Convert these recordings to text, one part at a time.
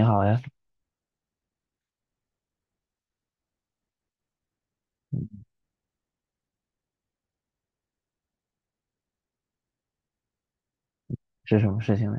你好呀。嗯。是什么事情呢？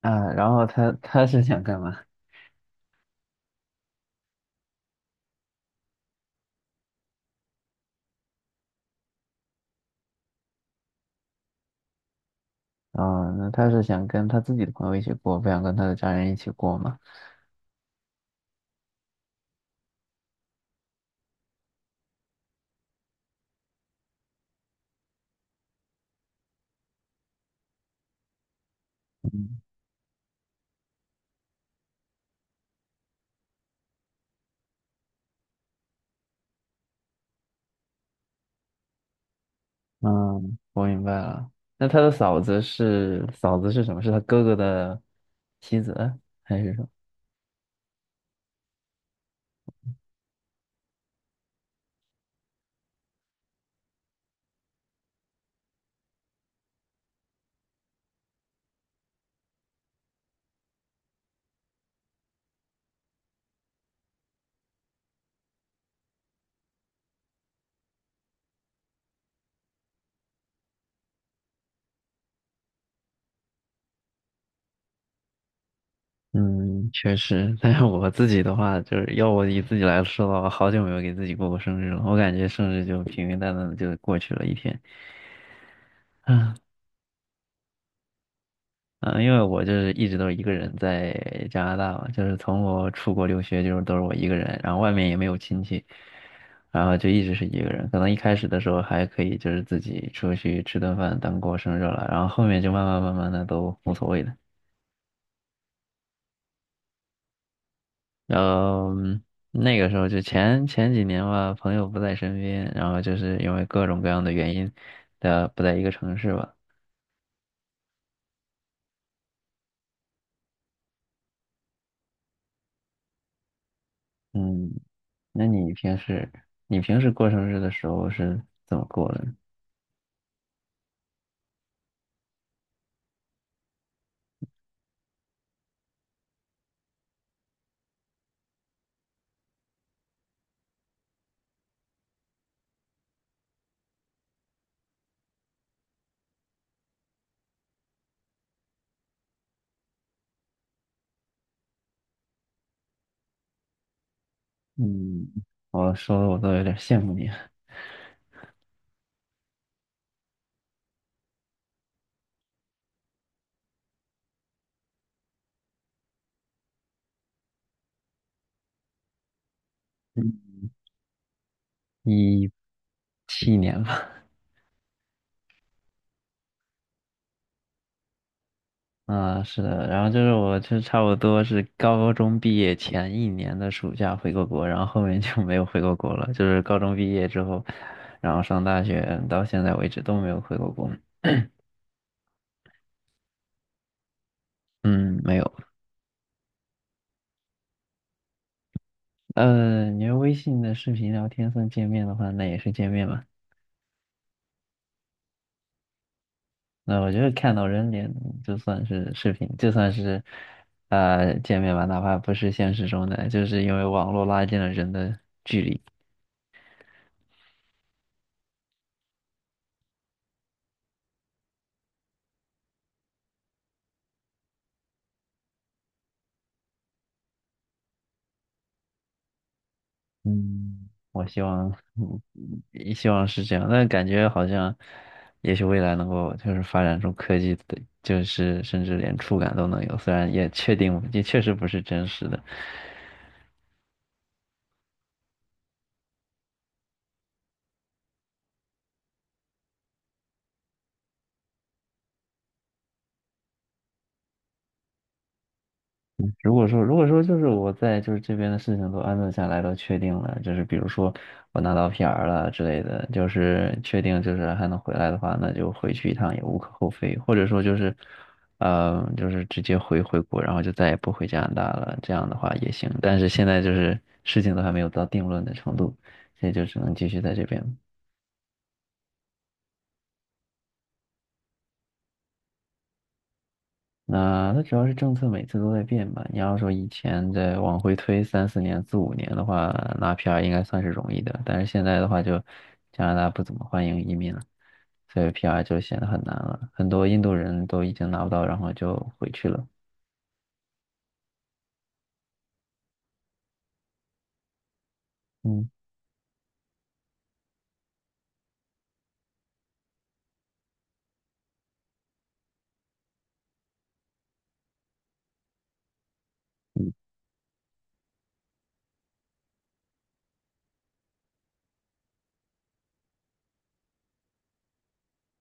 啊，然后他是想干嘛？啊，那他是想跟他自己的朋友一起过，不想跟他的家人一起过吗？嗯。嗯我明白了。那他的嫂子是什么？是他哥哥的妻子还是什么？嗯，确实。但是我自己的话，就是要我以自己来说的话，好久没有给自己过过生日了。我感觉生日就平平淡淡的就过去了一天。嗯，因为我就是一直都是一个人在加拿大嘛，就是从我出国留学就是都是我一个人，然后外面也没有亲戚，然后就一直是一个人。可能一开始的时候还可以，就是自己出去吃顿饭当过生日了，然后后面就慢慢慢慢的都无所谓了。然后那个时候就前前几年吧，朋友不在身边，然后就是因为各种各样的原因，的不在一个城市吧。嗯，那你平时过生日的时候是怎么过的呢？嗯，我说的我都有点羡慕你。嗯，17年吧。啊，是的，然后就是我就差不多是高中毕业前一年的暑假回过国，然后后面就没有回过国了。就是高中毕业之后，然后上大学到现在为止都没有回过国。嗯，没有。你要微信的视频聊天算见面的话，那也是见面吧。那我觉得看到人脸就算是视频，就算是见面吧，哪怕不是现实中的，就是因为网络拉近了人的。嗯，我希望，也希望是这样。但感觉好像，也许未来能够就是发展出科技的，就是甚至连触感都能有，虽然也确实不是真实的。如果说就是我在就是这边的事情都安顿下来都确定了，就是比如说我拿到 PR 了之类的，就是确定就是还能回来的话，那就回去一趟也无可厚非，或者说就是，就是直接回国，然后就再也不回加拿大了，这样的话也行。但是现在就是事情都还没有到定论的程度，所以就只能继续在这边。那它主要是政策每次都在变吧。你要说以前再往回推三四年、四五年的话，拿 PR 应该算是容易的，但是现在的话就加拿大不怎么欢迎移民了，所以 PR 就显得很难了。很多印度人都已经拿不到，然后就回去了。嗯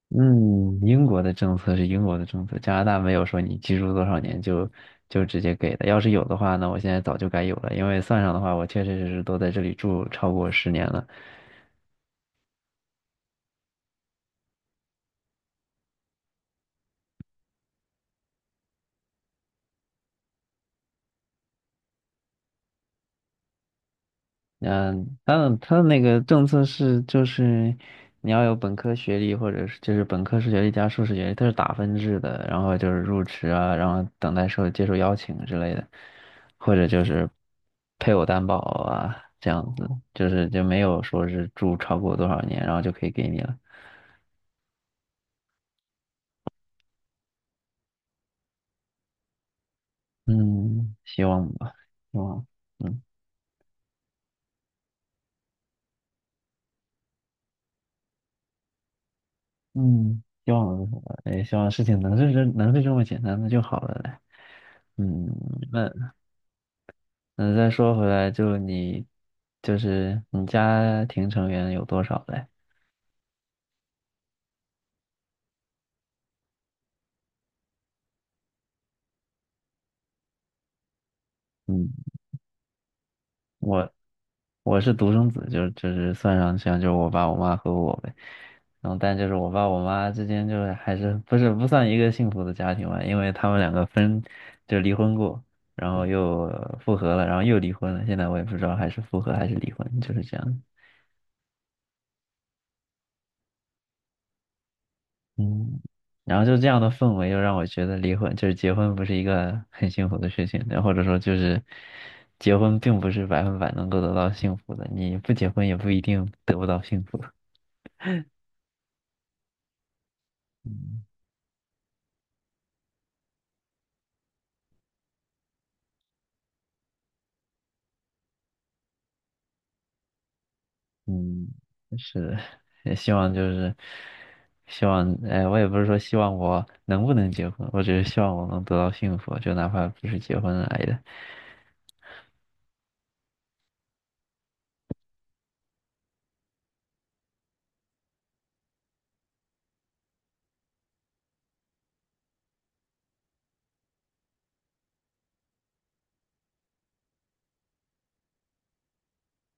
嗯，英国的政策是英国的政策，加拿大没有说你居住多少年就直接给的。要是有的话呢，我现在早就该有了，因为算上的话，我确确实实都在这里住超过10年了。嗯，他的那个政策是，就是你要有本科学历，或者是就是本科学历加硕士学历，它是打分制的，然后就是入职啊，然后等待接受邀请之类的，或者就是配偶担保啊，这样子，就是就没有说是住超过多少年，然后就可以给你了。嗯，希望吧，希望。嗯嗯，希望吧，也希望事情能是这么简单的就好了嘞。嗯。那。那再说回来，就是你家庭成员有多少嘞？嗯，我我是独生子，就是算上像就是我爸我妈和我呗。然后但就是我爸我妈之间就是还是不算一个幸福的家庭吧，因为他们两个就离婚过，然后又复合了，然后又离婚了。现在我也不知道还是复合还是离婚，就是这样。嗯，然后就这样的氛围，又让我觉得离婚就是结婚不是一个很幸福的事情，然后或者说就是结婚并不是百分百能够得到幸福的，你不结婚也不一定得不到幸福。嗯嗯，是，也希望就是希望，哎，我也不是说希望我能不能结婚，我只是希望我能得到幸福，就哪怕不是结婚来的。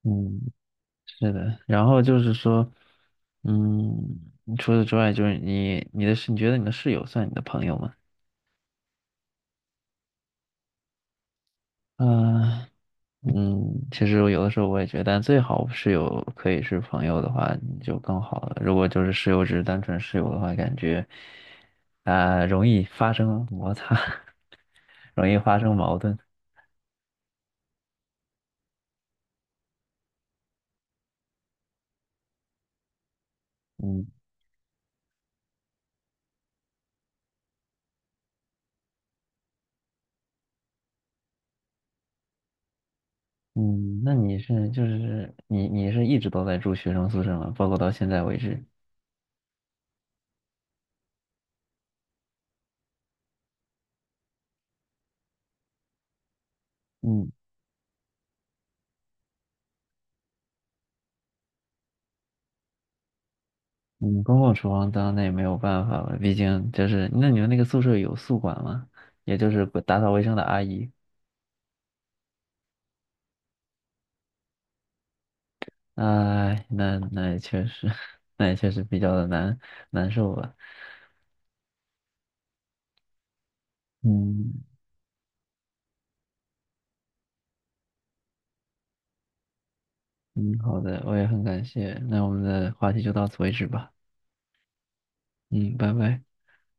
嗯，是的，然后就是说，嗯，除此之外，就是你觉得你的室友算你的朋友吗？嗯嗯，其实我有的时候我也觉得，但最好室友可以是朋友的话，你就更好了。如果就是室友只是单纯室友的话，感觉啊，容易发生摩擦，容易发生矛盾。嗯嗯，那你是就是你你是一直都在住学生宿舍吗？包括到现在为止？嗯。嗯，公共厨房当然那也没有办法了，毕竟就是那你们那个宿舍有宿管吗？也就是管打扫卫生的阿姨。哎，那也确实，那也确实比较的难受吧。嗯嗯，好的，我也很感谢。那我们的话题就到此为止吧。嗯，拜拜。